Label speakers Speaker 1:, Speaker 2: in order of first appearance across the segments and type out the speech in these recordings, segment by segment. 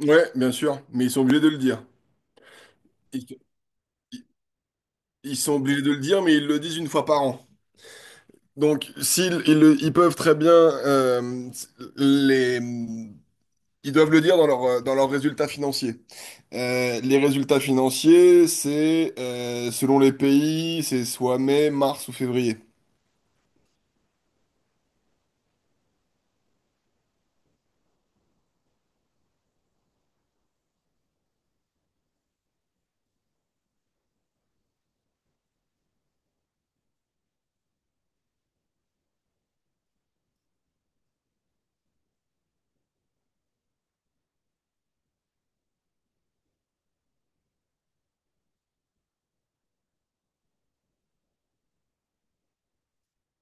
Speaker 1: Ouais, bien sûr, mais ils sont obligés de le dire. Ils, ils- ils sont obligés de le dire, mais ils le disent une fois par an. Donc, ils peuvent très bien, les, ils doivent le dire dans leurs résultats financiers. Les résultats financiers, c'est, selon les pays, c'est soit mai, mars ou février.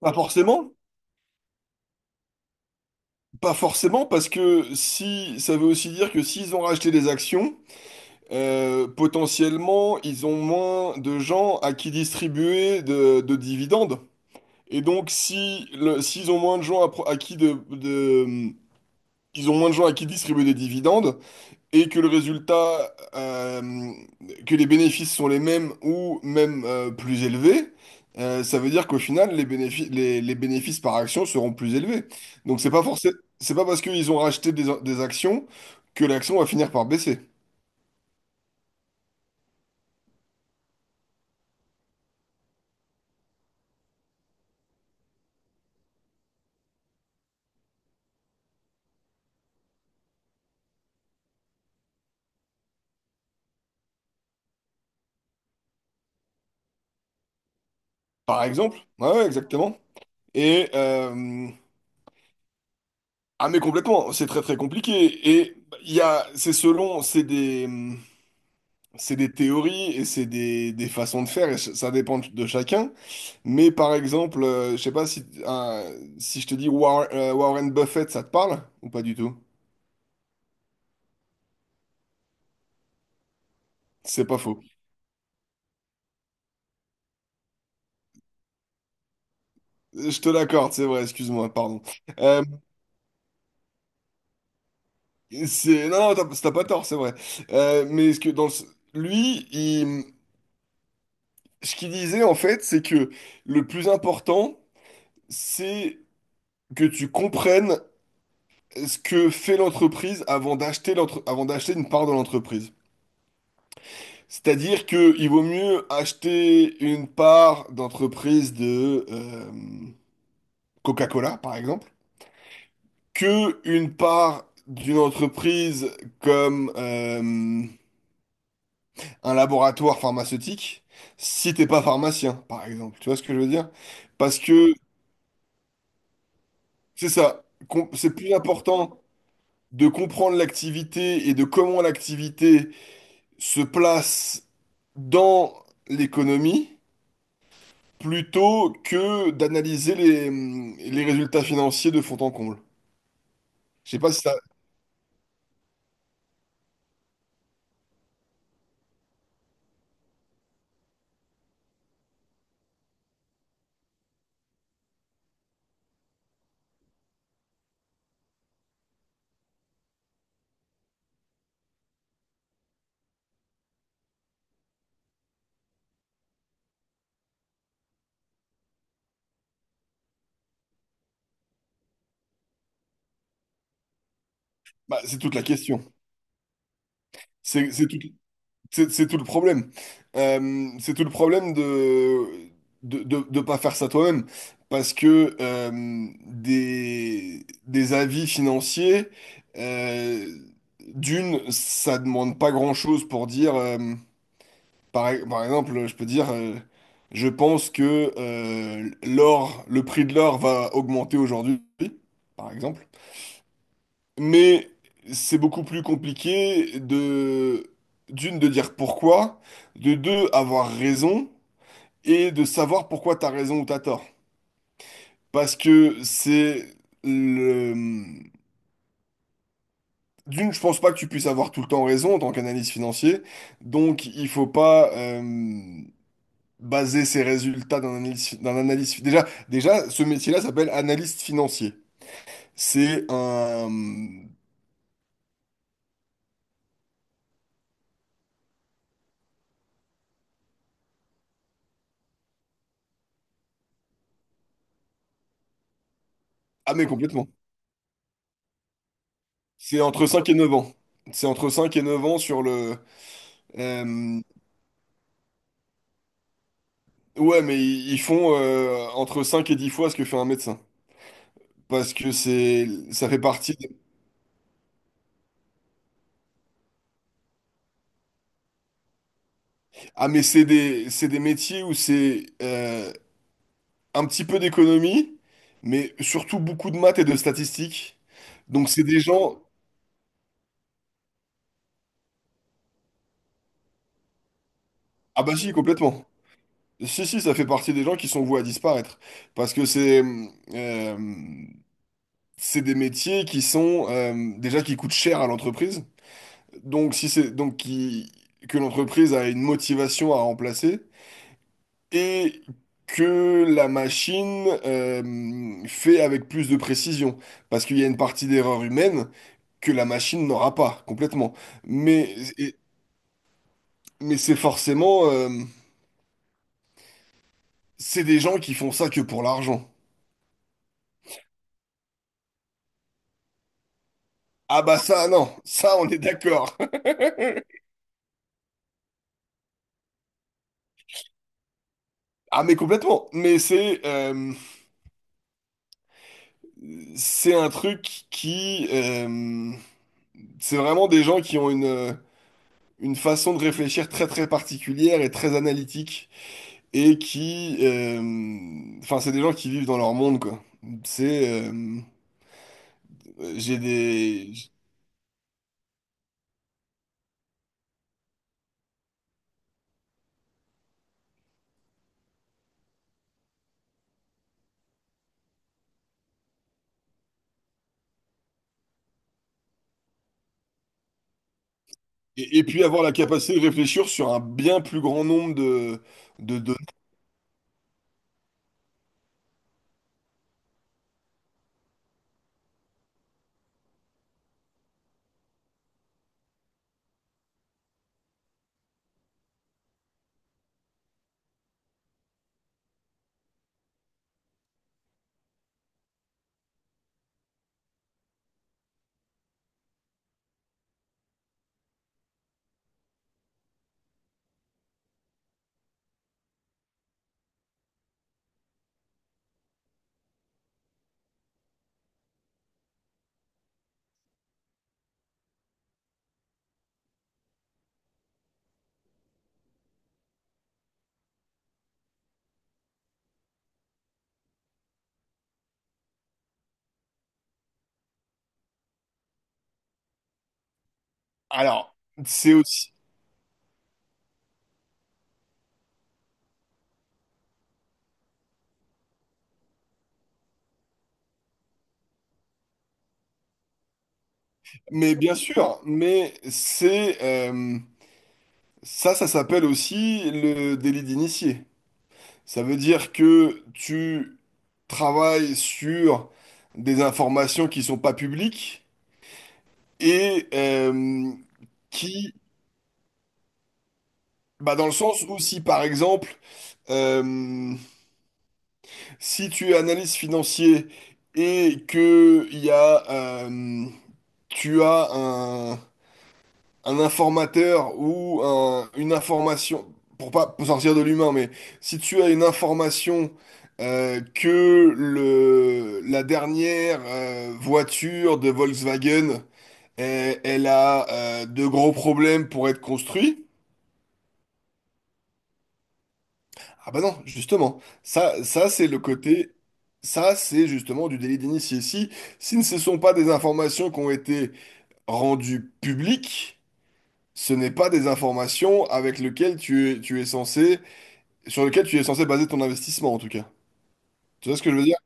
Speaker 1: Pas forcément, pas forcément, parce que si ça veut aussi dire que s'ils ont racheté des actions. Potentiellement, ils ont moins de gens à qui distribuer de dividendes. Et donc, si le, s'ils ont moins de gens à, pro- à qui de- ils ont moins de gens à qui distribuer des dividendes, et que que les bénéfices sont les mêmes ou même, plus élevés. Ça veut dire qu'au final, les bénéfices par action seront plus élevés. Donc, c'est pas forcément, c'est pas parce qu'ils ont racheté des actions que l'action va finir par baisser. Par exemple, ouais, ouais, exactement. Et euh, ah mais complètement, c'est très très compliqué. Et il y a, c'est selon, c'est des théories et c'est des façons de faire. Et ça dépend de chacun. Mais par exemple, je sais pas si je te dis Warren Buffett, ça te parle ou pas du tout? C'est pas faux. Je te l'accorde, c'est vrai. Excuse-moi, pardon. Euh, c'est non, non, t'as pas tort, c'est vrai. Mais ce qu'il disait en fait, c'est que le plus important c'est que tu comprennes ce que fait l'entreprise avant d'acheter une part de l'entreprise. C'est-à-dire que il vaut mieux acheter une part d'entreprise de, Coca-Cola, par exemple, que une part d'une entreprise comme, un laboratoire pharmaceutique, si t'es pas pharmacien, par exemple. Tu vois ce que je veux dire? Parce que c'est plus important de comprendre l'activité et de comment l'activité se place dans l'économie plutôt que d'analyser les résultats financiers de fond en comble. Je sais pas si ça... Bah, c'est toute la question. C'est tout, c'est tout le problème. C'est tout le problème de de pas faire ça toi-même. Parce que, des avis financiers, euh, d'une, ça demande pas grand-chose pour dire... par exemple, je peux dire, je pense que, le prix de l'or va augmenter aujourd'hui, par exemple. Mais c'est beaucoup plus compliqué d'une, de dire pourquoi, de deux, avoir raison, et de savoir pourquoi t'as raison ou t'as tort. Parce que c'est le... D'une, je pense pas que tu puisses avoir tout le temps raison en tant qu'analyste financier, donc il faut pas... baser ses résultats d'un analyse. Déjà, ce métier-là s'appelle analyste financier. C'est un... Ah mais complètement. C'est entre 5 et 9 ans. C'est entre 5 et 9 ans sur le... euh, Ouais, mais ils font, entre 5 et 10 fois ce que fait un médecin. Parce que ça fait partie des- Ah mais c'est des métiers où c'est, un petit peu d'économie, mais surtout beaucoup de maths et de statistiques. Donc c'est des gens... Ah bah si, complètement. Si, si, ça fait partie des gens qui sont voués à disparaître. Parce que euh, c'est des métiers qui sont, déjà, qui coûtent cher à l'entreprise. Donc, si c'est donc qui, que l'entreprise a une motivation à remplacer et que la machine, fait avec plus de précision. Parce qu'il y a une partie d'erreur humaine que la machine n'aura pas complètement. Mais, et- mais c'est forcément, c'est des gens qui font ça que pour l'argent. Ah bah ça, non, ça on est d'accord. Ah mais complètement, mais c'est un truc qui c'est vraiment des gens qui ont une façon de réfléchir très très particulière et très analytique, et qui enfin c'est des gens qui vivent dans leur monde, quoi. C'est j'ai des Et puis avoir la capacité de réfléchir sur un bien plus grand nombre de données. Alors, c'est aussi mais bien sûr, mais c'est Ça, ça s'appelle aussi le délit d'initié. Ça veut dire que tu travailles sur des informations qui sont pas publiques et, qui, bah dans le sens où si par exemple, euh, si tu es analyste financier et que il y a, euh, tu as un informateur ou une information, pour pas pour sortir de l'humain, mais si tu as une information, que la dernière, voiture de Volkswagen, elle, elle a, de gros problèmes pour être construite. Ah bah non, justement, ça c'est le côté... Ça, c'est justement du délit d'initié. Si ne ce sont pas des informations qui ont été rendues publiques, ce n'est pas des informations avec lesquelles tu es censé sur lequel tu es censé baser ton investissement, en tout cas. Tu vois ce que je veux dire?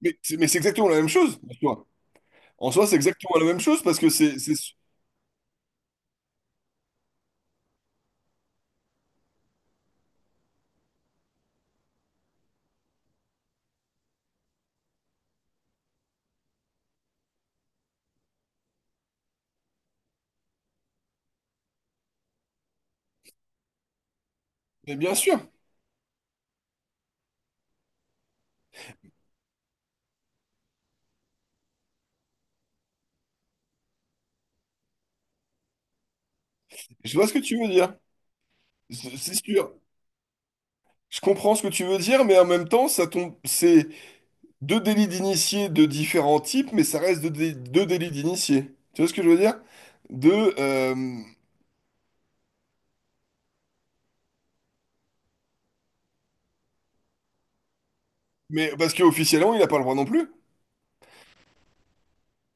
Speaker 1: Mais c'est exactement la même chose, en soi. En soi, c'est exactement la même chose parce que c'est... Mais bien sûr, je vois ce que tu veux dire. C'est sûr. Je comprends ce que tu veux dire, mais en même temps, ça tombe... c'est deux délits d'initié de différents types, mais ça reste deux délits d'initié. Tu vois ce que je veux dire? Deux... euh, Mais parce qu'officiellement, il n'a pas le droit non plus.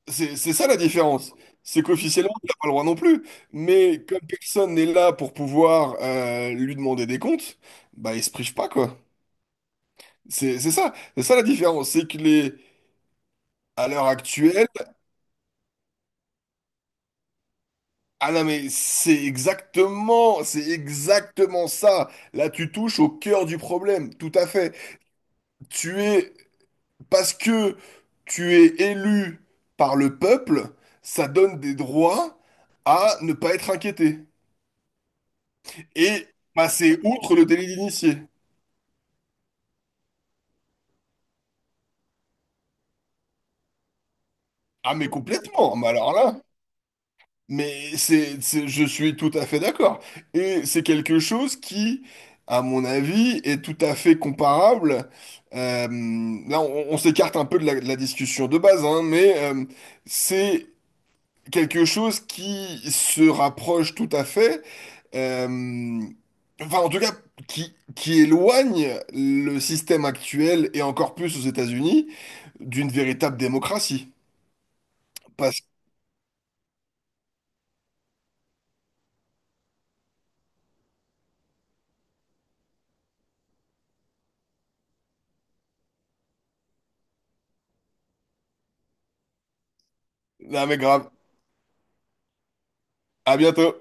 Speaker 1: C'est ça la différence. C'est qu'officiellement, t'as pas le droit non plus. Mais comme personne n'est là pour pouvoir, lui demander des comptes, bah il se prive pas, quoi. C'est ça. C'est ça la différence. C'est que les. À l'heure actuelle, ah non mais c'est exactement ça. Là, tu touches au cœur du problème, tout à fait. Tu es, Parce que tu es élu par le peuple, ça donne des droits à ne pas être inquiété et passer outre le délit d'initié. Ah mais complètement, mais alors là, je suis tout à fait d'accord. Et c'est quelque chose qui, à mon avis, est tout à fait comparable. euh, Là, on s'écarte un peu de la discussion de base, hein, mais, c'est quelque chose qui se rapproche tout à fait. euh, Enfin, en tout cas, qui éloigne le système actuel et encore plus aux États-Unis d'une véritable démocratie. Parce... Non mais grave, à bientôt.